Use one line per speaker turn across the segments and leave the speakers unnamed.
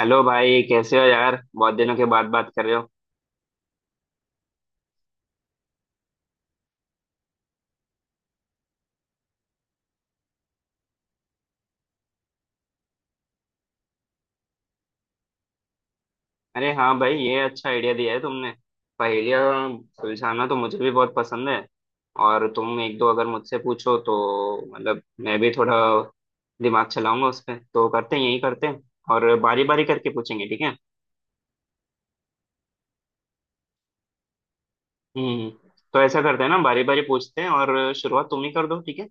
Hello भाई, कैसे हो यार? बहुत दिनों के बाद बात कर रहे हो। अरे हाँ भाई, ये अच्छा आइडिया दिया है तुमने। पहेलियाँ सुलझाना तो मुझे भी बहुत पसंद है। और तुम एक दो अगर मुझसे पूछो तो मतलब मैं भी थोड़ा दिमाग चलाऊंगा उस पे। तो करते हैं, यही करते हैं। और बारी बारी करके पूछेंगे, ठीक है? हम्म हम्म। तो ऐसा करते हैं ना, बारी बारी पूछते हैं, और शुरुआत तुम ही कर दो, ठीक है?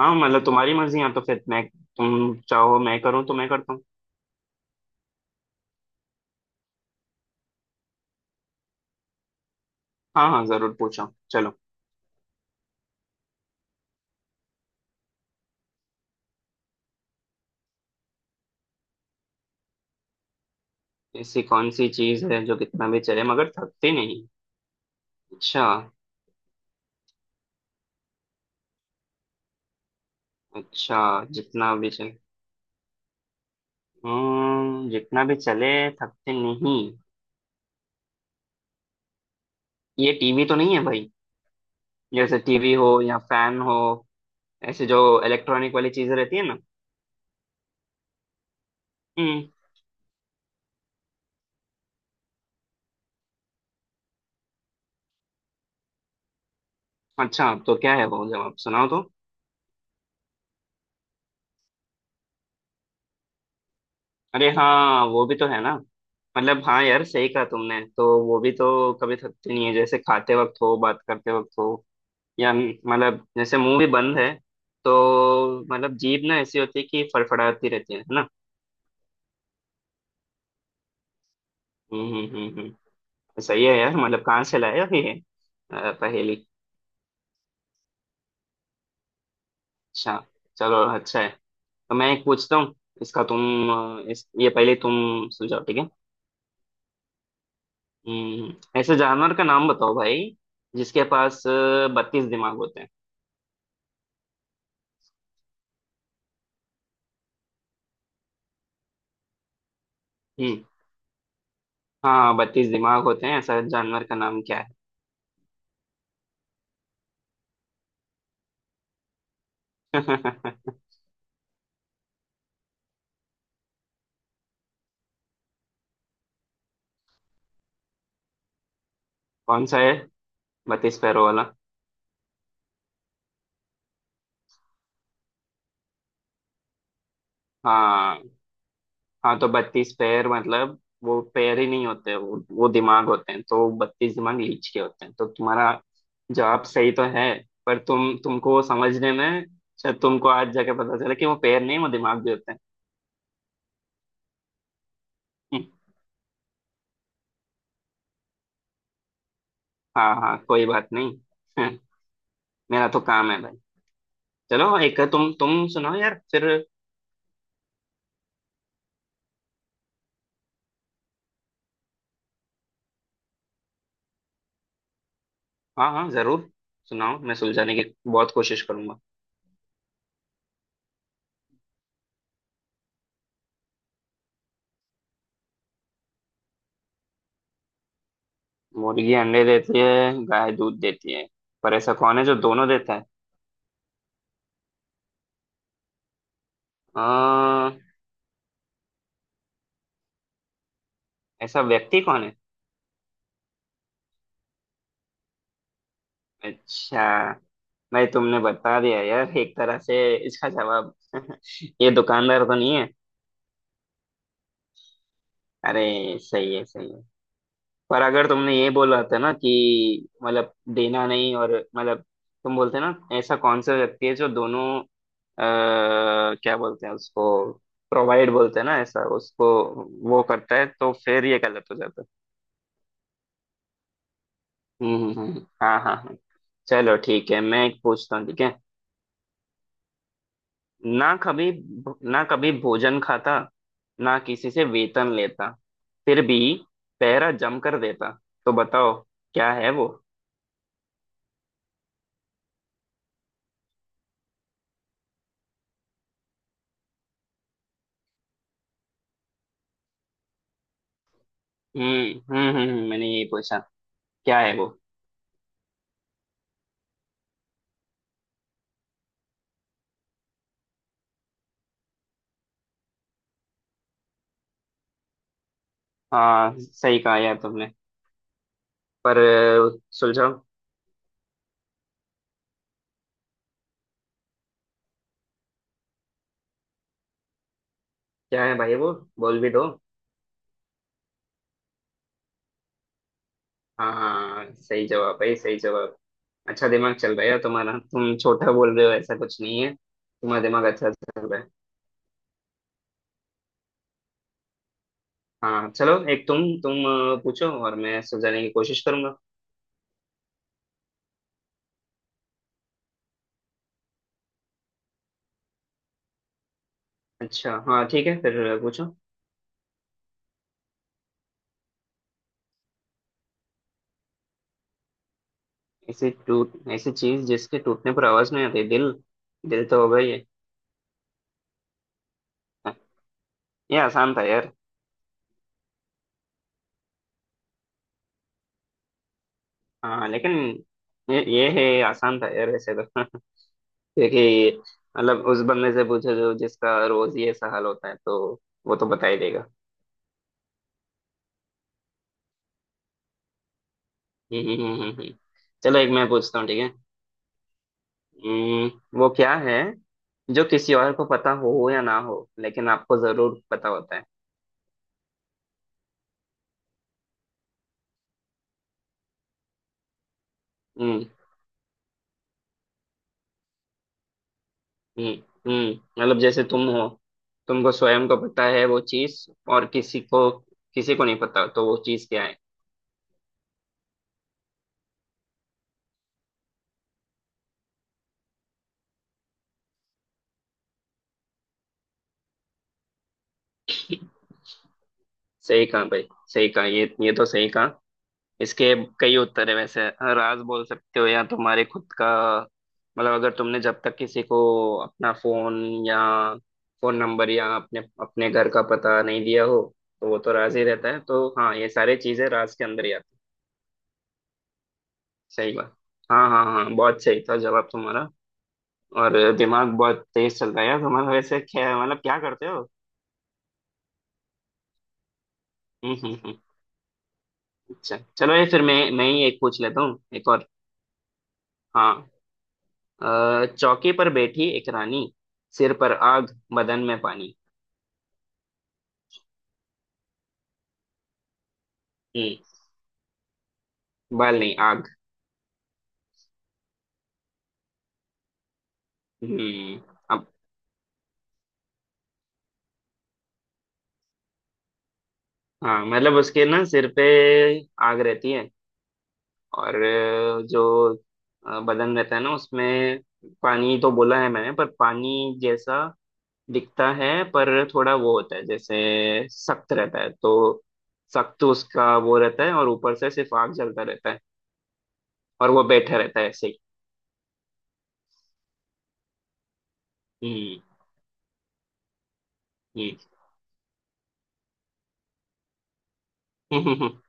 हाँ मतलब तुम्हारी मर्जी, या तो फिर मैं तुम चाहो मैं करूँ तो मैं करता हूँ। हाँ हाँ, जरूर पूछो, चलो। ऐसी कौन सी चीज है जो कितना भी चले मगर थकती नहीं? अच्छा। अच्छा, जितना भी चले, हम्म, जितना भी चले, थकते नहीं। ये टीवी तो नहीं है भाई? जैसे टीवी हो या फैन हो, ऐसे जो इलेक्ट्रॉनिक वाली चीजें रहती है ना। हम्म। अच्छा, तो क्या है वो जवाब, सुनाओ तो। अरे हाँ, वो भी तो है ना। मतलब हाँ यार, सही कहा तुमने, तो वो भी तो कभी थकती नहीं है, जैसे खाते वक्त हो, बात करते वक्त हो, या मतलब जैसे मुंह भी बंद है तो मतलब जीभ ना ऐसी होती है कि फड़फड़ाती रहती है ना? हम्म हम्म हम्म हम्म। तो सही है यार, मतलब कहाँ से लाया ये पहेली? अच्छा। चलो, अच्छा है। तो मैं एक पूछता हूँ, इसका तुम अ, इस ये पहले तुम सुलझाओ, ठीक है? हम्म। ऐसे जानवर का नाम बताओ भाई जिसके पास 32 दिमाग होते हैं। हम्म। हाँ, 32 दिमाग होते हैं, ऐसा जानवर का नाम क्या है? कौन सा है 32 पैरों वाला? हाँ, हाँ, तो 32 पैर मतलब वो पैर ही नहीं होते, वो दिमाग होते हैं, तो 32 दिमाग लीच के होते हैं, तो तुम्हारा जवाब सही तो है, पर तुमको वो समझने में, शायद तुमको आज जाके पता चला कि वो पैर नहीं, वो दिमाग भी होते हैं। हम्म। हाँ हाँ कोई बात नहीं। हम्म, मेरा तो काम है भाई। चलो, एक तुम सुनाओ यार फिर। हाँ हाँ, जरूर सुनाओ, मैं सुलझाने की बहुत कोशिश करूंगा। मुर्गी अंडे देती है, गाय दूध देती है, पर ऐसा कौन है जो दोनों देता है? आ, ऐसा व्यक्ति कौन है? अच्छा। भाई तुमने बता दिया यार एक तरह से इसका जवाब। ये दुकानदार तो नहीं है? अरे सही है, सही है। पर अगर तुमने ये बोला था ना कि मतलब देना नहीं, और मतलब तुम बोलते ना ऐसा कौन सा व्यक्ति है जो दोनों, क्या बोलते हैं उसको, प्रोवाइड बोलते हैं ना ऐसा, उसको वो करता है, तो फिर ये गलत हो जाता है। हाँ हाँ हाँ। चलो ठीक है, मैं एक पूछता हूँ, ठीक है? ना कभी ना कभी भोजन खाता, ना किसी से वेतन लेता, फिर भी पहरा जम कर देता, तो बताओ क्या है वो? हम्म मैंने यही पूछा। क्या है वो? हाँ, सही कहा यार तुमने। पर सुलझाओ। क्या है भाई वो, बोल भी दो। हाँ हाँ हाँ, सही जवाब भाई, सही जवाब। अच्छा, दिमाग चल रहा है यार तुम्हारा, तुम छोटा बोल रहे हो, ऐसा कुछ नहीं है, तुम्हारा दिमाग अच्छा चल रहा है। हाँ, चलो, एक तुम पूछो और मैं सुलझाने की कोशिश करूंगा। अच्छा हाँ ठीक है, फिर पूछो। ऐसी चीज जिसके टूटने पर आवाज नहीं आती? दिल। दिल तो हो गई है, ये आसान था यार। हाँ लेकिन ये आसान था यार वैसे तो। क्योंकि मतलब उस बंदे से पूछो जो जिसका रोज ये ऐसा हाल होता है, तो वो तो बता ही देगा। हम्म। चलो, एक मैं पूछता हूँ, ठीक है? हम्म। वो क्या है जो किसी और को पता हो या ना हो, लेकिन आपको जरूर पता होता है? हम्म, हम्म हम्म मतलब जैसे तुम हो, तुमको स्वयं को पता है वो चीज, और किसी को नहीं पता, तो वो चीज क्या है? सही कहा भाई, सही कहा, ये तो सही कहा। इसके कई उत्तर है वैसे। राज बोल सकते हो, या तुम्हारे खुद का मतलब, अगर तुमने जब तक किसी को अपना फोन या फोन नंबर या अपने अपने घर का पता नहीं दिया हो, तो वो तो राज ही रहता है, तो हाँ, ये सारी चीजें राज के अंदर ही आती हैं। सही बात। हाँ हाँ हाँ, बहुत सही था जवाब तुम्हारा। और दिमाग बहुत तेज चल रहा है यार तुम्हारा वैसे, क्या मतलब क्या करते हो? हम्म हम्म हम्म। अच्छा, चलो, ये फिर मैं ही एक पूछ लेता हूँ, एक और। हाँ। चौकी पर बैठी एक रानी, सिर पर आग, बदन में पानी। हम्म। बाल नहीं, आग। हम्म। अब हाँ, मतलब उसके ना सिर पे आग रहती है, और जो बदन रहता है ना उसमें पानी तो बोला है मैंने, पर पानी जैसा दिखता है, पर थोड़ा वो होता है जैसे सख्त रहता है, तो सख्त उसका वो रहता है और ऊपर से सिर्फ आग जलता रहता है, और वो बैठा रहता है ऐसे ही। हम्म हम्म।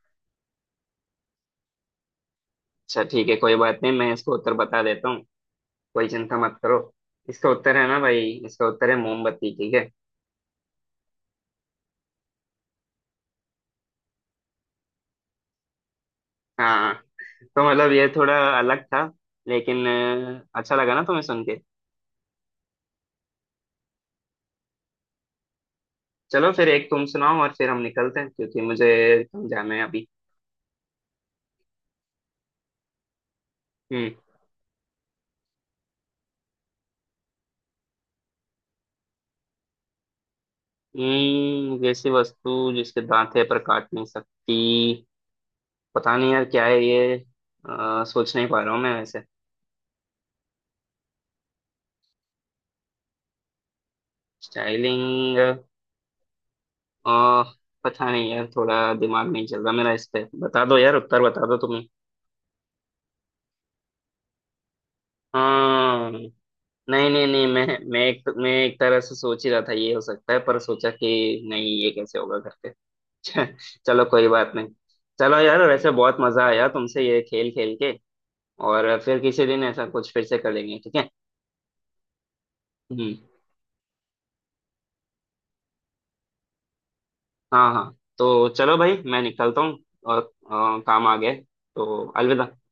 अच्छा ठीक है, कोई बात नहीं, मैं इसको उत्तर बता देता हूँ। कोई चिंता मत करो। इसका उत्तर है ना भाई, इसका उत्तर है मोमबत्ती, ठीक है? हाँ। तो मतलब ये थोड़ा अलग था, लेकिन अच्छा लगा ना तुम्हें सुन के? चलो फिर एक तुम सुनाओ और फिर हम निकलते हैं क्योंकि मुझे कहीं जाना है अभी हम्म वैसी वस्तु जिसके दांत है पर काट नहीं सकती? पता नहीं यार क्या है ये, सोच नहीं पा रहा हूँ मैं वैसे। स्टाइलिंग? पता नहीं यार, थोड़ा दिमाग नहीं चल रहा मेरा इस पे, बता दो यार उत्तर, बता दो तुम्हें। हाँ। नहीं नहीं नहीं, मैं एक तरह से सोच ही रहा था ये हो सकता है, पर सोचा कि नहीं, ये कैसे होगा करके। चलो कोई बात नहीं। चलो यार वैसे बहुत मजा आया तुमसे ये खेल खेल के, और फिर किसी दिन ऐसा कुछ फिर से करेंगे, ठीक है? हम्म। हाँ हाँ, तो चलो भाई मैं निकलता हूँ, और काम आ गया है। तो अलविदा।